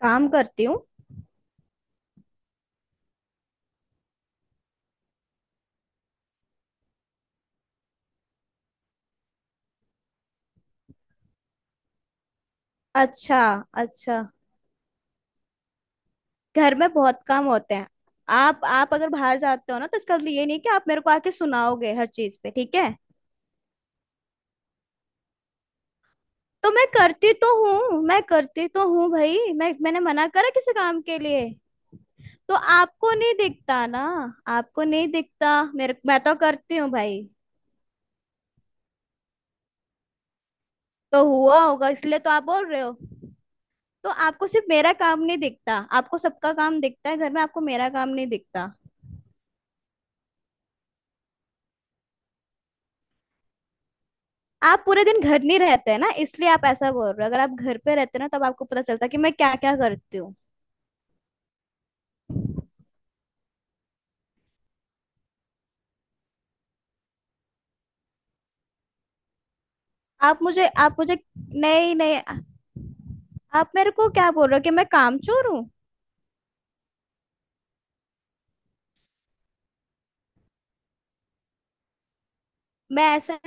काम करती हूँ। अच्छा। अच्छा। घर में बहुत काम होते हैं। आप अगर बाहर जाते हो ना, तो इसका मतलब ये नहीं कि आप मेरे को आके सुनाओगे हर चीज पे। ठीक है? तो मैं करती तो हूँ मैं करती तो हूँ भाई। मैंने मना करा किसी काम के लिए? तो आपको नहीं दिखता ना। आपको नहीं दिखता मेरे, मैं तो करती हूँ भाई। तो हुआ होगा इसलिए तो आप बोल रहे हो। तो आपको सिर्फ मेरा काम नहीं दिखता, आपको सबका काम दिखता है घर में, आपको मेरा काम नहीं दिखता। आप पूरे दिन घर नहीं रहते हैं ना, इसलिए आप ऐसा बोल रहे हो। अगर आप घर पे रहते ना, तब आपको पता चलता कि मैं क्या क्या करती हूँ। आप मुझे, नहीं नहीं। आप मेरे को क्या बोल रहे हो कि मैं कामचोर हूँ? मैं ऐसा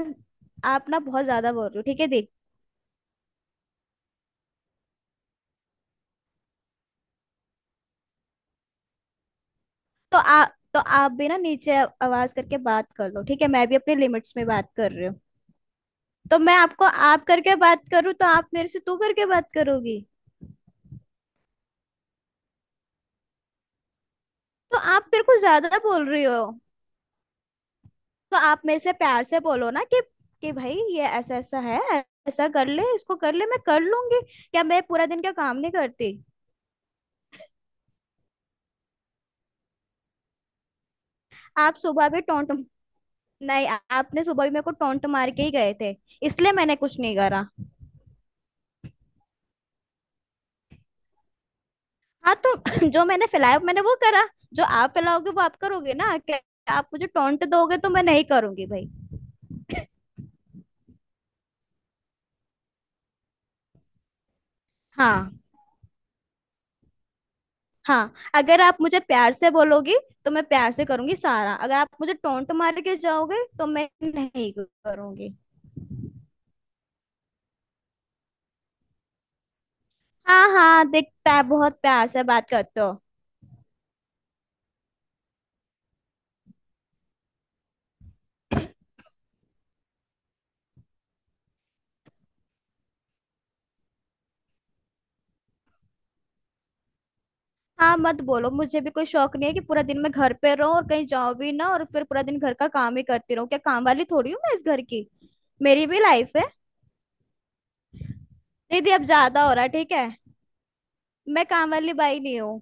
आप ना बहुत ज्यादा बोल रहे हो। ठीक है? देख। तो आप भी ना नीचे आवाज करके बात कर लो। ठीक है, मैं भी अपने लिमिट्स में बात कर रही हूँ। तो मैं आपको आप करके बात करूँ, तो आप मेरे से तू करके बात करोगी? तो आप मेरे को ज्यादा बोल रही हो। तो आप मेरे से प्यार से बोलो ना, कि भाई ये ऐसा ऐसा है, ऐसा कर ले, इसको कर ले, मैं कर लूंगी। क्या मैं पूरा दिन क्या काम नहीं करती? आप सुबह भी टोंट, नहीं, आपने सुबह भी मेरे को टोंट मार के ही गए थे, इसलिए मैंने कुछ नहीं करा। हाँ, तो जो मैंने फैलाया मैंने वो करा, जो आप फैलाओगे वो आप करोगे ना क्या? आप मुझे टोंट दोगे तो मैं नहीं करूंगी भाई। हाँ हाँ, अगर आप मुझे प्यार से बोलोगी तो मैं प्यार से करूंगी सारा। अगर आप मुझे टोंट मार के जाओगे तो मैं नहीं करूंगी। हाँ हाँ, दिखता है, बहुत प्यार से बात करते हो। हाँ, मत बोलो, मुझे भी कोई शौक नहीं है कि पूरा दिन मैं घर पे रहूं और कहीं जाऊं भी ना और फिर पूरा दिन घर का काम ही करती रहूं। क्या काम वाली थोड़ी हूँ मैं इस घर की? मेरी भी लाइफ है। दीदी, अब ज्यादा हो रहा है। ठीक है? मैं काम वाली बाई नहीं हूँ।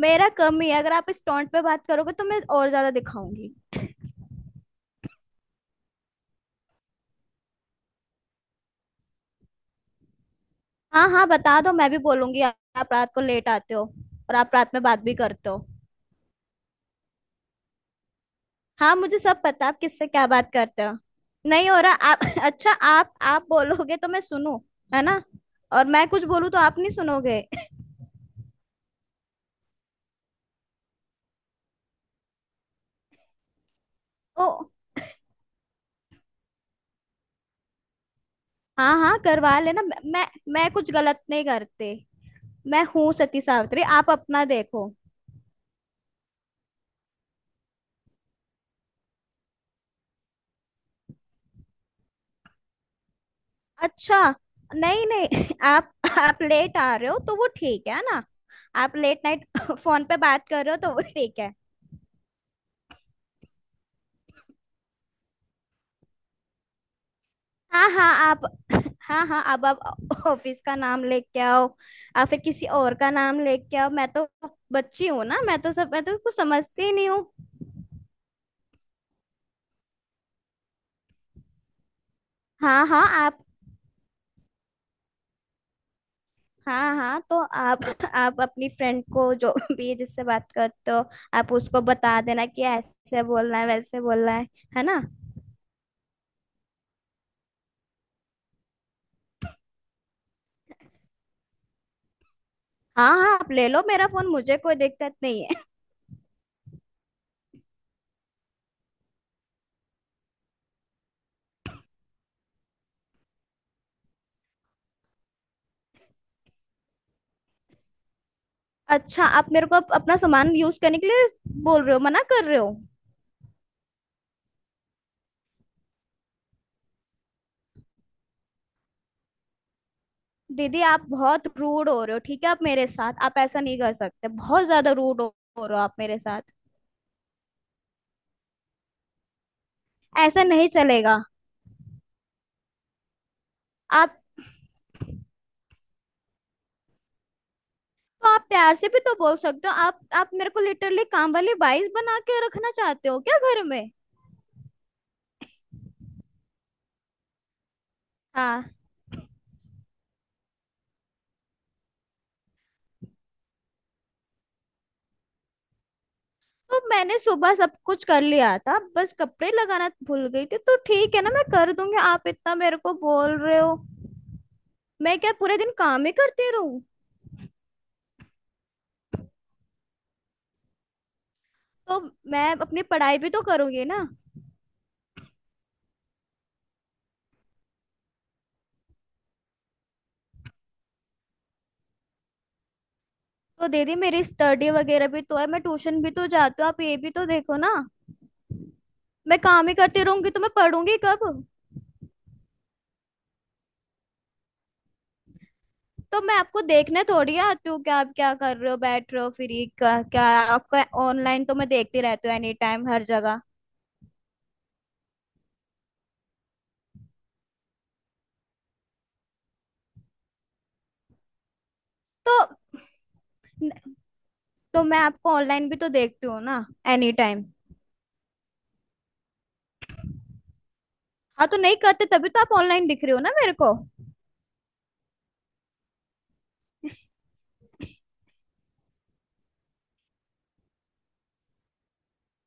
मेरा कम ही है, अगर आप इस टोंट पे बात करोगे तो मैं और ज्यादा दिखाऊंगी। हाँ हाँ, बता दो, मैं भी बोलूंगी। आप रात को लेट आते हो और आप रात में बात भी करते हो। हाँ, मुझे सब पता, आप किससे क्या बात करते हो। नहीं हो रहा आप अच्छा, आप बोलोगे तो मैं सुनूं, है ना? और मैं कुछ बोलूं तो आप नहीं सुनोगे। ओ। हाँ हाँ, करवा लेना। मैं कुछ गलत नहीं करते। मैं हूँ सती सावित्री, आप अपना देखो। अच्छा। नहीं नहीं आप लेट आ रहे हो तो वो ठीक है ना? आप लेट नाइट फोन पे बात कर रहे हो तो वो ठीक है? हाँ हाँ आप। हाँ हाँ, अब आप ऑफिस का नाम लेके आओ, या फिर किसी और का नाम लेके आओ। मैं तो बच्ची हूँ ना, मैं तो कुछ समझती ही नहीं हूँ। हाँ हाँ आप। हाँ हाँ, तो आप अपनी फ्रेंड को, जो भी है जिससे बात करते हो, आप उसको बता देना कि ऐसे बोलना है वैसे बोलना है। है ना? हाँ हाँ, आप ले लो मेरा फोन, मुझे कोई दिक्कत नहीं है। अच्छा, आप मेरे को अपना सामान यूज करने के लिए बोल रहे हो, मना कर रहे हो? दीदी, आप बहुत रूड हो रहे हो। ठीक है? आप मेरे साथ, आप ऐसा नहीं कर सकते। बहुत ज्यादा रूड हो रहे हो आप मेरे साथ। ऐसा नहीं चलेगा। आप, तो आप प्यार से भी तो बोल सकते हो। आप मेरे को लिटरली काम वाली बाइस बना के रखना चाहते हो क्या घर में? हाँ, तो मैंने सुबह सब कुछ कर लिया था, बस कपड़े लगाना भूल गई थी। तो ठीक है ना, मैं कर दूंगी। आप इतना मेरे को बोल रहे हो। मैं क्या पूरे दिन काम ही करती रहूं? तो मैं अपनी पढ़ाई भी तो करूंगी ना। तो दीदी, मेरी स्टडी वगैरह भी तो है, मैं ट्यूशन भी तो जाती हूँ, आप ये भी तो देखो ना। मैं काम ही करती रहूंगी तो मैं पढ़ूंगी कब? तो मैं आपको देखने थोड़ी आती हूँ कि आप क्या कर रहे हो, बैठ रहे हो फ्री, क्या क्या। आपका ऑनलाइन तो मैं देखती रहती हूँ एनी टाइम हर जगह। तो तो मैं आपको ऑनलाइन भी तो देखती हूँ ना एनी टाइम। हाँ, तो नहीं करते तभी तो आप ऑनलाइन दिख रहे हो ना मेरे को।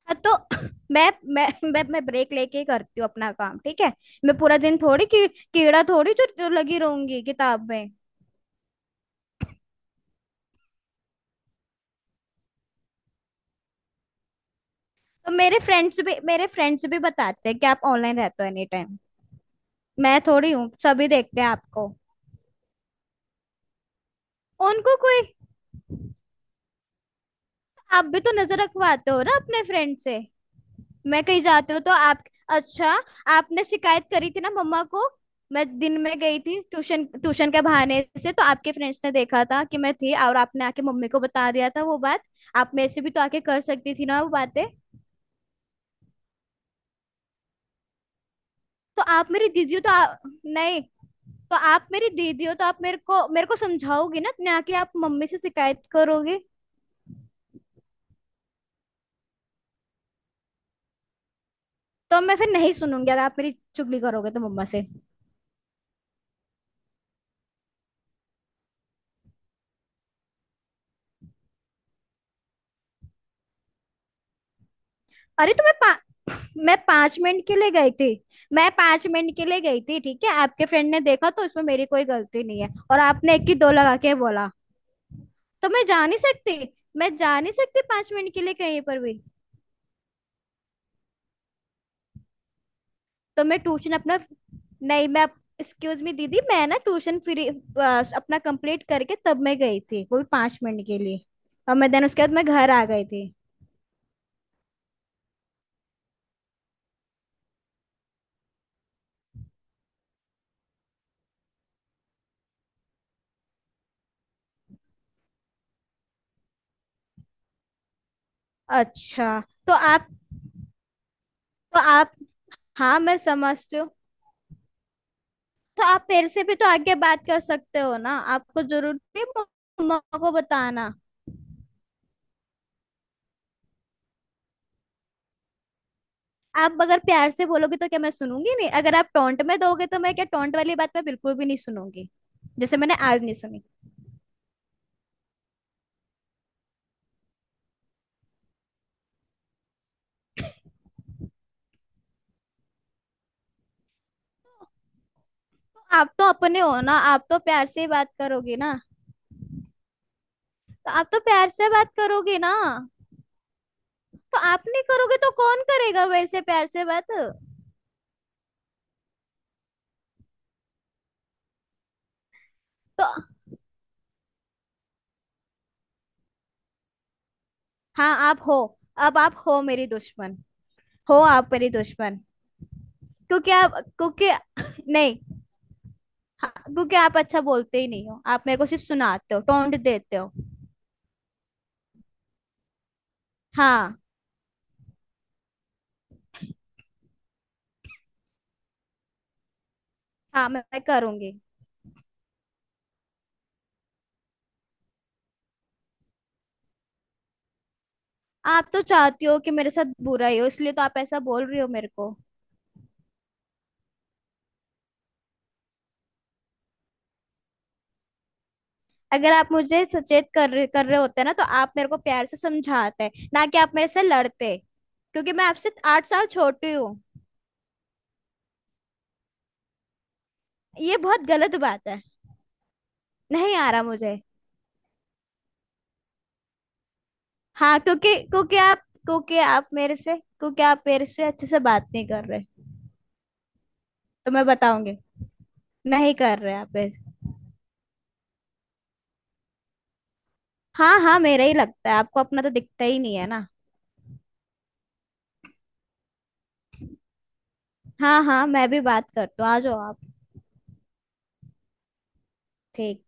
हाँ तो मैं मैं मैं ब्रेक लेके ही करती हूँ अपना काम। ठीक है? मैं पूरा दिन थोड़ी कीड़ा थोड़ी जो जो लगी रहूंगी किताब में। तो मेरे फ्रेंड्स भी बताते हैं कि आप ऑनलाइन रहते हो एनी टाइम। मैं थोड़ी हूँ, सभी देखते हैं आपको। उनको कोई, आप भी तो नजर रखवाते हो ना अपने फ्रेंड से। मैं कहीं जाती हूँ तो आप, अच्छा, आपने शिकायत करी थी ना मम्मा को? मैं दिन में गई थी ट्यूशन, ट्यूशन के बहाने से, तो आपके फ्रेंड्स ने देखा था कि मैं थी, और आपने आके मम्मी को बता दिया था वो बात। आप मेरे से भी तो आके कर सकती थी ना वो बातें। तो आप मेरी दीदी हो तो नहीं, तो आप मेरी दीदी हो तो आप मेरे को समझाओगी ना, ना कि आप मम्मी से शिकायत करोगे। तो मैं फिर नहीं सुनूंगी अगर आप मेरी चुगली करोगे तो मम्मा से। अरे, तो मैं 5 मिनट के लिए गई थी। मैं 5 मिनट के लिए गई थी, ठीक है? आपके फ्रेंड ने देखा तो इसमें मेरी कोई गलती नहीं है, और आपने एक की दो लगा के बोला। तो मैं जा नहीं सकती? मैं जा नहीं सकती 5 मिनट के लिए कहीं पर भी? तो मैं ट्यूशन अपना नहीं, मैं, एक्सक्यूज मी दीदी, मैं ना ट्यूशन फ्री अपना कंप्लीट करके तब मैं गई थी, वो भी 5 मिनट के लिए। और मैं देन उसके बाद मैं घर आ गई थी। अच्छा, तो आप तो आप हाँ, मैं समझती हूँ। तो आप मेरे से भी तो आगे बात कर सकते हो ना, आपको जरूरत नहीं मम्मा को बताना। आप अगर प्यार से बोलोगे तो क्या मैं सुनूंगी नहीं? अगर आप टोंट में दोगे तो मैं क्या, टोंट वाली बात मैं बिल्कुल भी नहीं सुनूंगी। जैसे मैंने आज नहीं सुनी। तो आप तो अपने हो ना, आप तो प्यार से ही बात करोगे ना? तो आप तो प्यार से बात करोगे ना? तो आप नहीं करोगे तो कौन करेगा वैसे प्यार से बात? तो, हाँ आप हो। अब आप हो मेरी दुश्मन। हो, आप मेरी दुश्मन। क्योंकि आप क्योंकि नहीं। हाँ, क्योंकि आप अच्छा बोलते ही नहीं हो, आप मेरे को सिर्फ सुनाते हो, टोंट देते हो। हाँ हाँ, मैं करूंगी। आप तो चाहती हो कि मेरे साथ बुरा ही हो, इसलिए तो आप ऐसा बोल रही हो मेरे को। अगर आप मुझे सचेत कर कर रहे होते ना, तो आप मेरे को प्यार से समझाते ना, कि आप मेरे से लड़ते, क्योंकि मैं आपसे 8 साल छोटी हूँ। ये बहुत गलत बात है। नहीं आ रहा मुझे। हाँ, क्योंकि क्योंकि आप मेरे से अच्छे से बात नहीं कर रहे। तो मैं बताऊंगी। नहीं कर रहे आप ऐसे। हाँ हाँ, मेरा ही लगता है आपको, अपना तो दिखता ही नहीं है ना। हाँ हाँ, मैं भी बात करती हूँ, आ जाओ आप। ठीक